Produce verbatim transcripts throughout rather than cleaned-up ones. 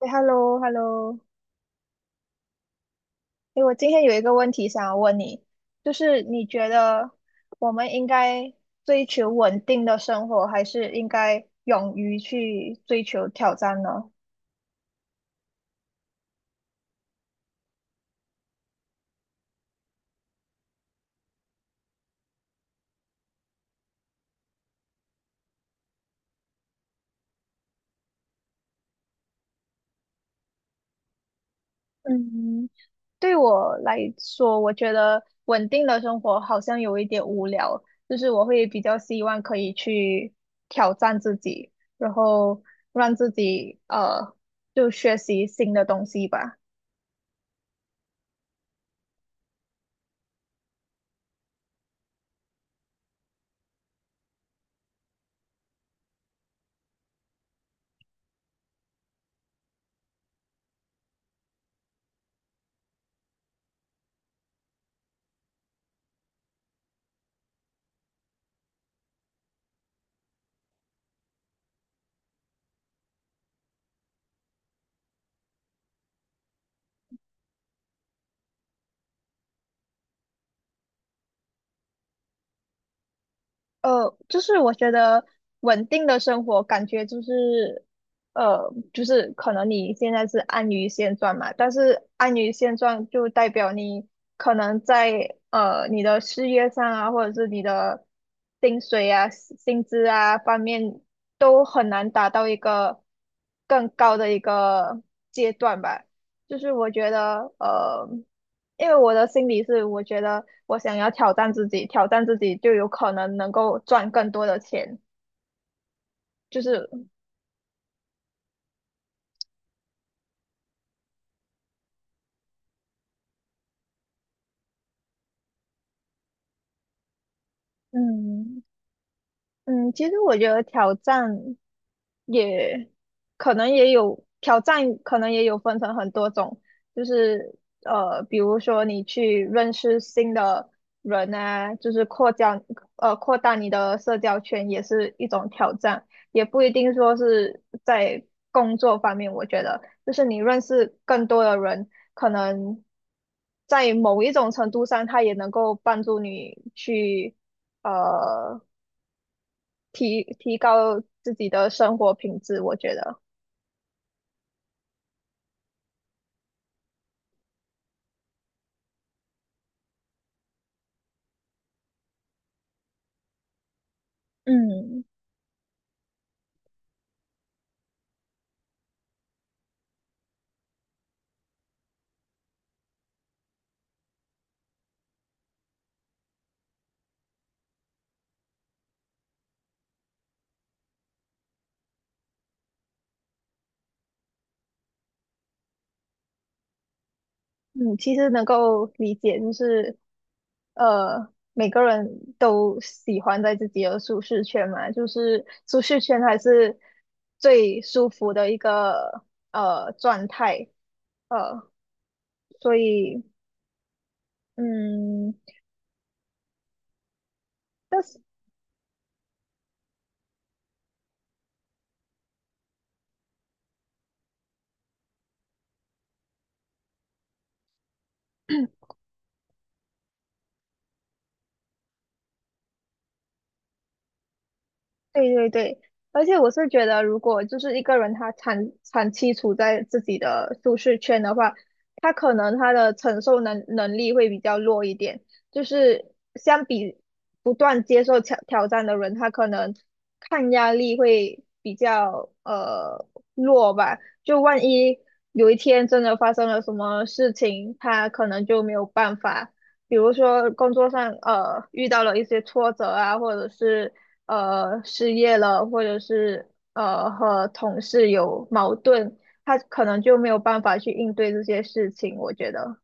哎，hello，hello，哎，我今天有一个问题想要问你，就是你觉得我们应该追求稳定的生活，还是应该勇于去追求挑战呢？嗯，对我来说，我觉得稳定的生活好像有一点无聊，就是我会比较希望可以去挑战自己，然后让自己呃，就学习新的东西吧。呃，就是我觉得稳定的生活感觉就是，呃，就是可能你现在是安于现状嘛，但是安于现状就代表你可能在呃你的事业上啊，或者是你的薪水啊、薪资啊方面都很难达到一个更高的一个阶段吧。就是我觉得，呃。因为我的心理是，我觉得我想要挑战自己，挑战自己就有可能能够赚更多的钱。就是，嗯嗯，其实我觉得挑战。也可能也有挑战，可能也有分成很多种，就是呃，比如说你去认识新的人啊，就是扩交呃扩大你的社交圈也是一种挑战，也不一定说是在工作方面，我觉得就是你认识更多的人，可能在某一种程度上，他也能够帮助你去。呃提提高自己的生活品质，我觉得。嗯嗯，其实能够理解，就是呃，每个人都喜欢在自己的舒适圈嘛，就是舒适圈还是最舒服的一个呃状态，呃，所以嗯。对对对，而且我是觉得，如果就是一个人他长长期处在自己的舒适圈的话，他可能他的承受能能力会比较弱一点。就是相比不断接受挑挑战的人，他可能抗压力会比较呃弱吧。就万一有一天真的发生了什么事情，他可能就没有办法。比如说工作上呃遇到了一些挫折啊，或者是呃失业了，或者是呃和同事有矛盾，他可能就没有办法去应对这些事情，我觉得。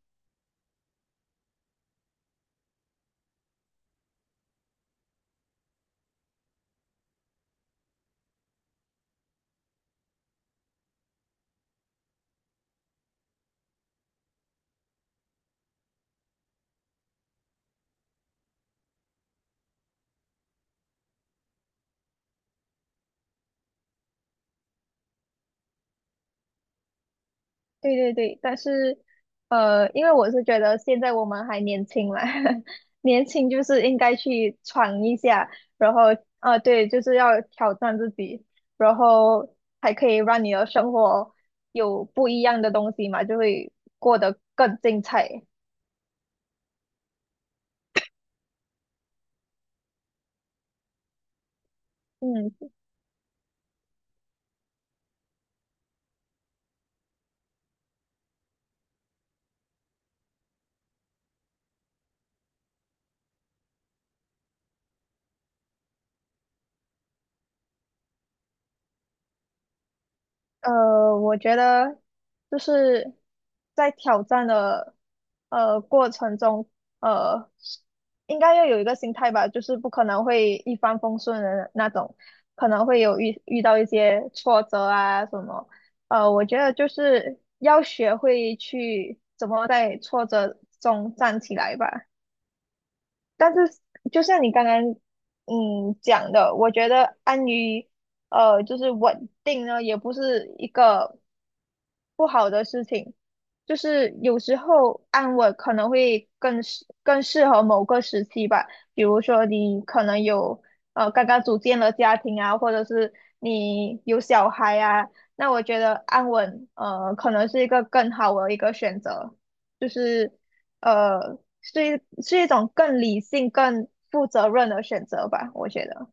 对对对，但是呃，因为我是觉得现在我们还年轻嘛，年轻就是应该去闯一下，然后啊，对，就是要挑战自己，然后还可以让你的生活有不一样的东西嘛，就会过得更精彩。嗯，呃，我觉得就是在挑战的呃过程中，呃，应该要有一个心态吧，就是不可能会一帆风顺的那种，可能会有遇遇到一些挫折啊什么。呃，我觉得就是要学会去怎么在挫折中站起来吧。但是就像你刚刚嗯讲的，我觉得安于呃就是稳定呢，也不是一个不好的事情，就是有时候安稳可能会更适更适合某个时期吧，比如说你可能有呃刚刚组建了家庭啊，或者是你有小孩啊，那我觉得安稳呃可能是一个更好的一个选择。就是呃，是一是一种更理性、更负责任的选择吧，我觉得。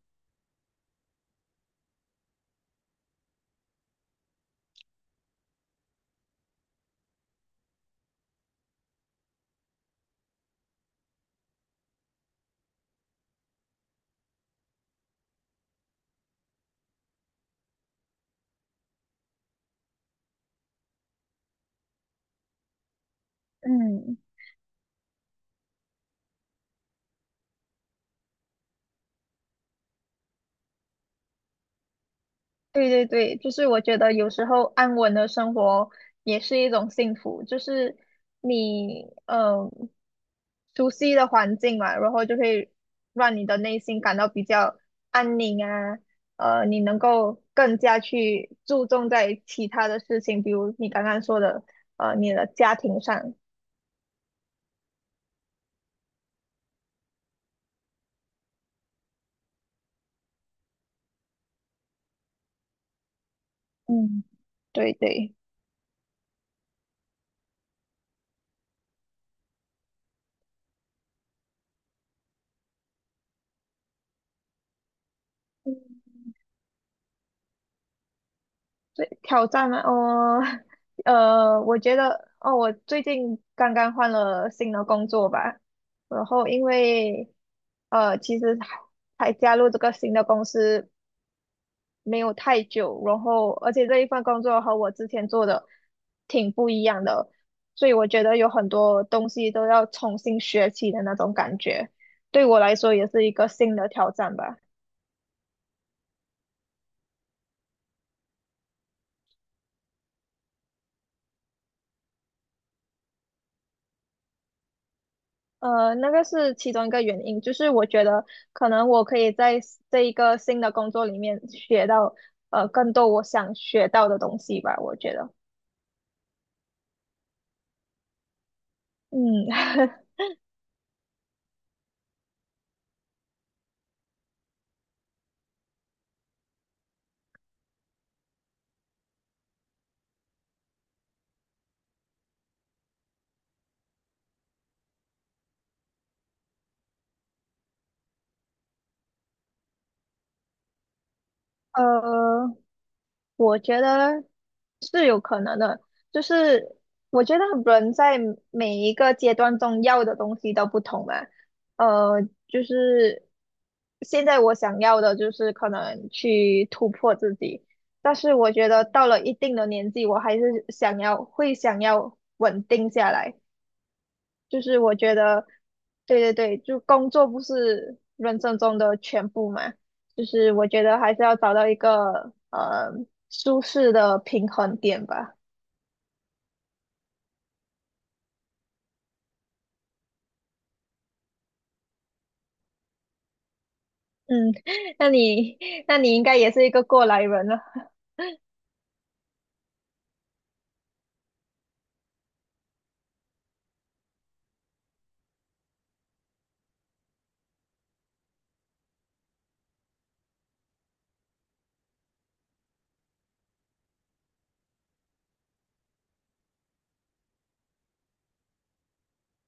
嗯，对对对，就是我觉得有时候安稳的生活也是一种幸福，就是你嗯熟悉的环境嘛，然后就会让你的内心感到比较安宁啊，呃，你能够更加去注重在其他的事情，比如你刚刚说的，呃，你的家庭上。嗯，对对。挑战吗？哦，呃，我觉得哦，我最近刚刚换了新的工作吧，然后因为呃，其实才加入这个新的公司没有太久，然后而且这一份工作和我之前做的挺不一样的，所以我觉得有很多东西都要重新学起的那种感觉，对我来说也是一个新的挑战吧。呃，那个是其中一个原因，就是我觉得可能我可以在 s- 这一个新的工作里面学到呃更多我想学到的东西吧，我觉得，嗯，呃，我觉得是有可能的，就是我觉得人在每一个阶段中要的东西都不同嘛，呃，就是现在我想要的就是可能去突破自己，但是我觉得到了一定的年纪，我还是想要会想要稳定下来。就是我觉得，对对对，就工作不是人生中的全部嘛，就是我觉得还是要找到一个呃舒适的平衡点吧。嗯，那你那你应该也是一个过来人了。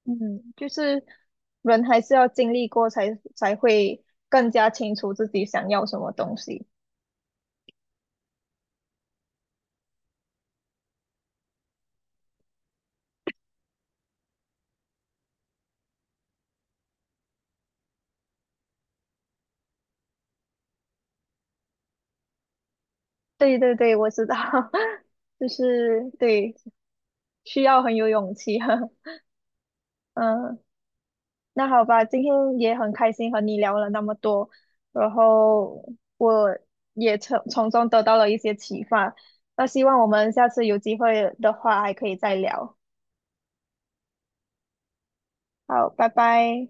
嗯，就是人还是要经历过才才会更加清楚自己想要什么东西。对对对，我知道，就是对，需要很有勇气。嗯。那好吧，今天也很开心和你聊了那么多，然后我也从从中得到了一些启发。那希望我们下次有机会的话还可以再聊。好，拜拜。